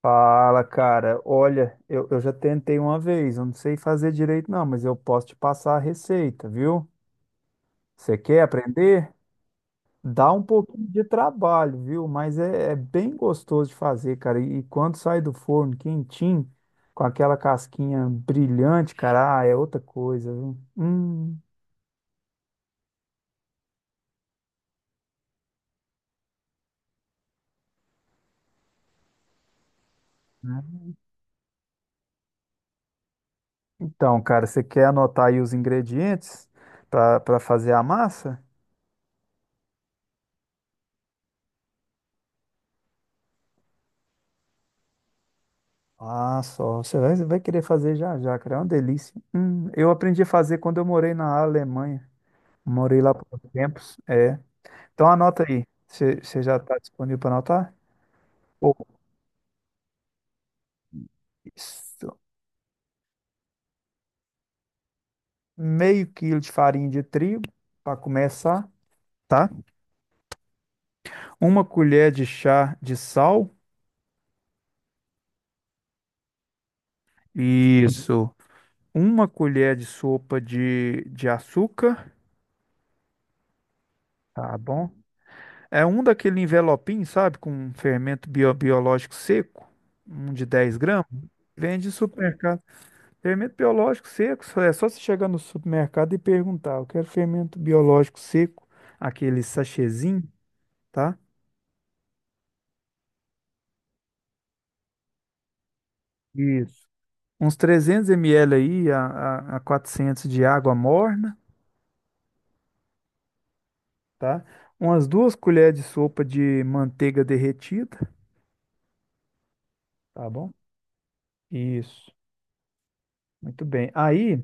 Fala, cara. Olha, eu já tentei uma vez, eu não sei fazer direito, não, mas eu posso te passar a receita, viu? Você quer aprender? Dá um pouquinho de trabalho, viu? Mas é bem gostoso de fazer, cara. E quando sai do forno quentinho, com aquela casquinha brilhante, cara, ah, é outra coisa, viu? Hum. Então, cara, você quer anotar aí os ingredientes para fazer a massa? Ah, só. Você vai querer fazer já já, cara. É uma delícia. Eu aprendi a fazer quando eu morei na Alemanha. Morei lá por uns tempos. É. Então anota aí. Você já está disponível para anotar? Pô. Isso. Meio quilo de farinha de trigo para começar, tá? Uma colher de chá de sal. Isso. Uma colher de sopa de açúcar. Tá bom. É um daquele envelopinho, sabe? Com fermento biológico seco. Um de 10 gramas. Vende em supermercado. Fermento biológico seco, é só você chegar no supermercado e perguntar. Eu quero fermento biológico seco, aquele sachêzinho, tá? Isso. Uns 300 ml aí a 400 de água morna, tá? Umas duas colheres de sopa de manteiga derretida, tá bom? Isso. Muito bem. Aí,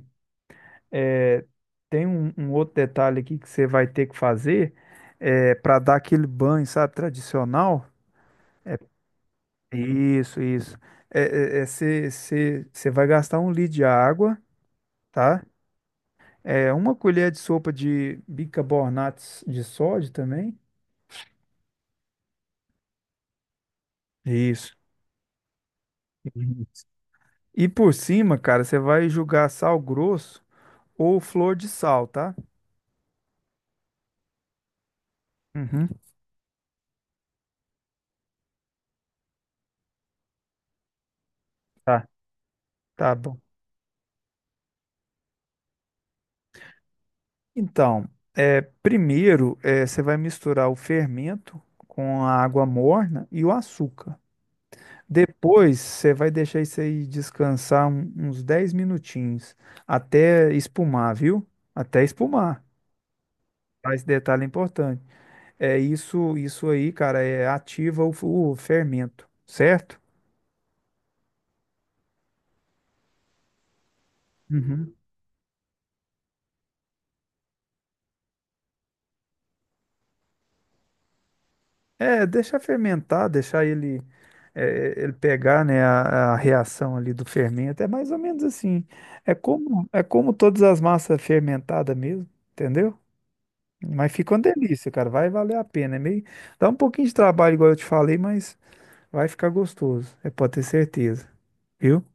é, tem um outro detalhe aqui que você vai ter que fazer é, para dar aquele banho, sabe, tradicional. é. Isso. É, você vai gastar 1 litro de água, tá? É uma colher de sopa de bicarbonato de sódio também. Isso. Uhum. E por cima, cara, você vai jogar sal grosso ou flor de sal, tá? Uhum. Tá. Tá bom. Então, é, primeiro, é você vai misturar o fermento com a água morna e o açúcar. Depois você vai deixar isso aí descansar uns 10 minutinhos até espumar, viu? Até espumar. Tá? Esse detalhe é importante. É isso aí, cara, é ativa o, o fermento, certo? Uhum. É, deixa fermentar, deixar ele é, ele pegar, né, a reação ali do fermento. É mais ou menos assim. É como todas as massas fermentadas mesmo, entendeu? Mas fica uma delícia, cara. Vai valer a pena. É meio... Dá um pouquinho de trabalho, igual eu te falei, mas vai ficar gostoso. É, pode ter certeza. Viu?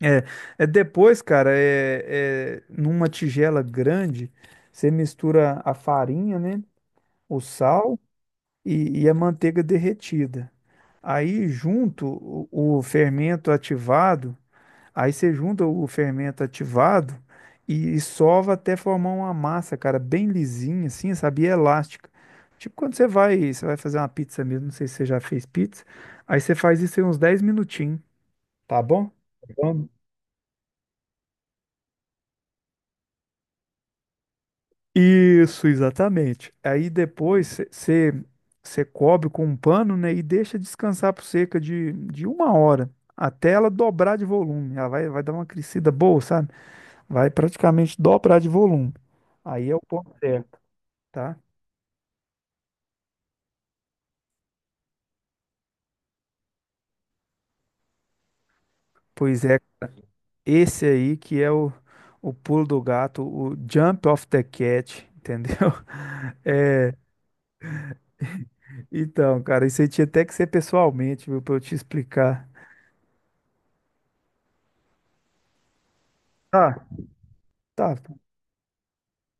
É, é depois, cara, é numa tigela grande, você mistura a farinha, né? O sal e a manteiga derretida. Aí, junto, o fermento ativado Aí você junta o fermento ativado e sova até formar uma massa, cara, bem lisinha, assim, sabe? E é elástica. Tipo quando você vai fazer uma pizza mesmo, não sei se você já fez pizza. Aí você faz isso em uns 10 minutinhos, tá bom? Vamos. Isso, exatamente. Aí depois você cobre com um pano, né, e deixa descansar por cerca de 1 hora, até ela dobrar de volume. Ela vai, vai dar uma crescida boa, sabe? Vai praticamente dobrar de volume. Aí é o ponto certo, tá? Pois é, esse aí que é o pulo do gato, o jump of the cat, entendeu? É, então, cara, isso aí tinha até que ser pessoalmente, viu, pra eu te explicar. Tá, tá.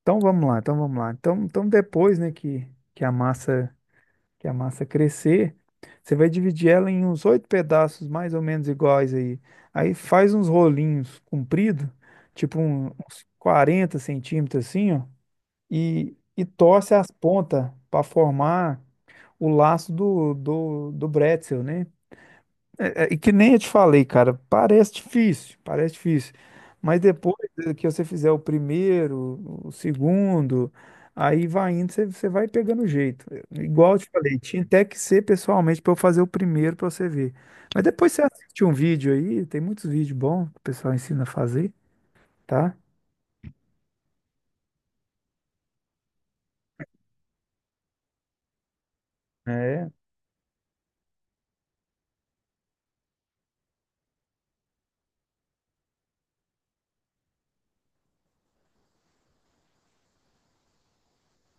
Então vamos lá, então vamos lá. Então, então depois, né, que, que a massa que a massa crescer, você vai dividir ela em uns oito pedaços mais ou menos iguais aí. Aí faz uns rolinhos compridos, tipo uns 40 centímetros assim, ó, e torce as pontas para formar o laço do bretzel, né? E que nem eu te falei, cara, parece difícil, parece difícil. Mas depois que você fizer o primeiro, o segundo, aí vai indo, você vai pegando o jeito. É, igual eu te falei, tinha até que ser pessoalmente para eu fazer o primeiro para você ver. Mas depois você assiste um vídeo aí, tem muitos vídeos bons que o pessoal ensina a fazer, tá? É.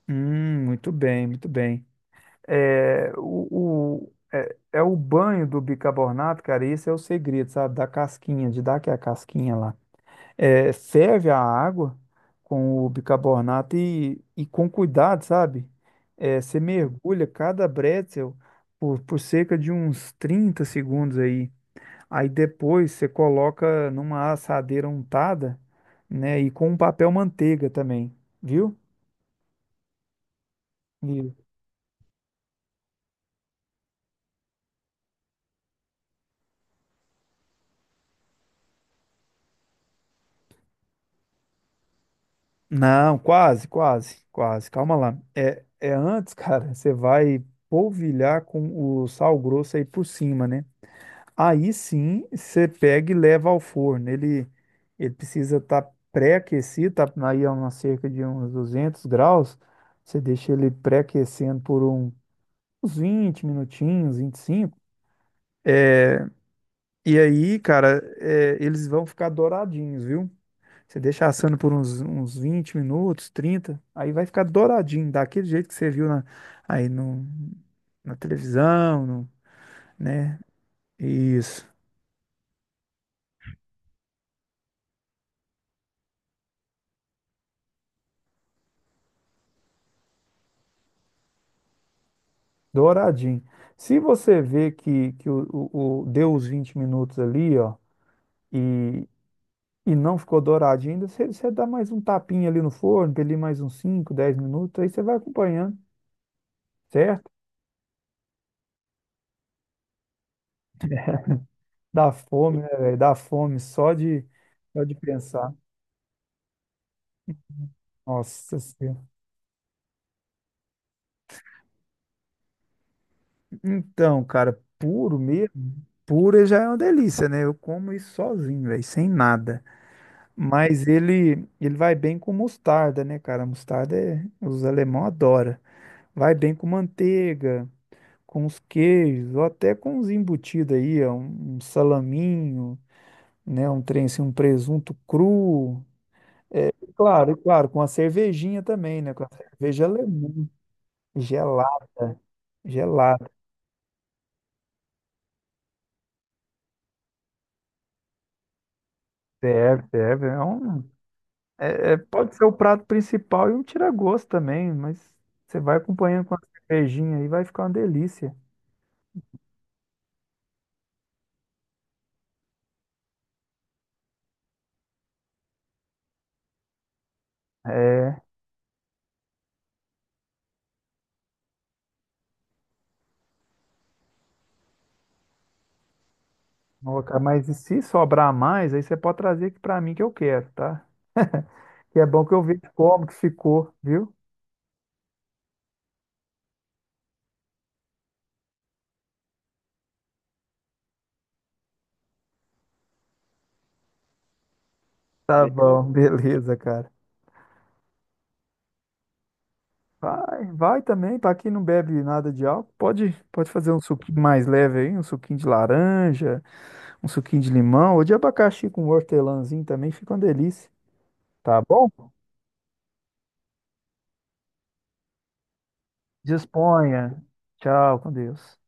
Muito bem, muito bem. É, o, é, é o banho do bicarbonato, cara, esse é o segredo, sabe? Da casquinha, de dar aquela casquinha lá. É, ferve a água com o bicarbonato e com cuidado, sabe? É, você mergulha cada bretzel por cerca de uns 30 segundos aí. Aí depois você coloca numa assadeira untada, né? E com um papel manteiga também, viu? E- Não, quase. Calma lá. É antes, cara, você vai polvilhar com o sal grosso aí por cima, né? Aí sim, você pega e leva ao forno. Ele precisa estar pré-aquecido, tá aí a uma cerca de uns 200 graus. Você deixa ele pré-aquecendo por uns 20 minutinhos, 25. É, e aí, cara, é, eles vão ficar douradinhos, viu? Você deixa assando por uns 20 minutos, 30. Aí vai ficar douradinho, daquele jeito que você viu na, aí no, na televisão, no- né? Isso. Douradinho. Se você vê que o, deu os 20 minutos ali, ó, e, e não ficou douradinho ainda, você dá mais um tapinha ali no forno, ali mais uns 5, 10 minutos, aí você vai acompanhando, certo? Dá fome, né, velho? Dá fome só de pensar. Nossa Senhora. Então, cara, puro mesmo. Puro já é uma delícia, né? Eu como isso sozinho, velho, sem nada. Mas ele vai bem com mostarda, né, cara? Mostarda é, os alemão adoram. Vai bem com manteiga, com os queijos, ou até com os embutidos aí, ó, um salaminho, né? Um trem assim, um presunto cru. E claro, com a cervejinha também, né? Com a cerveja alemã, gelada, gelada. Serve, serve. É um, pode ser o prato principal e um tira-gosto também, mas você vai acompanhando com a cervejinha aí, vai ficar uma delícia. Ó, cara, mas e se sobrar mais, aí você pode trazer aqui pra mim que eu quero, tá? Que é bom que eu vejo como que ficou, viu? Tá bom, beleza, cara. Vai, vai também, para quem não bebe nada de álcool, pode fazer um suquinho mais leve aí, um suquinho de laranja, um suquinho de limão, ou de abacaxi com hortelãzinho também, fica uma delícia. Tá bom? Disponha. Tchau, com Deus.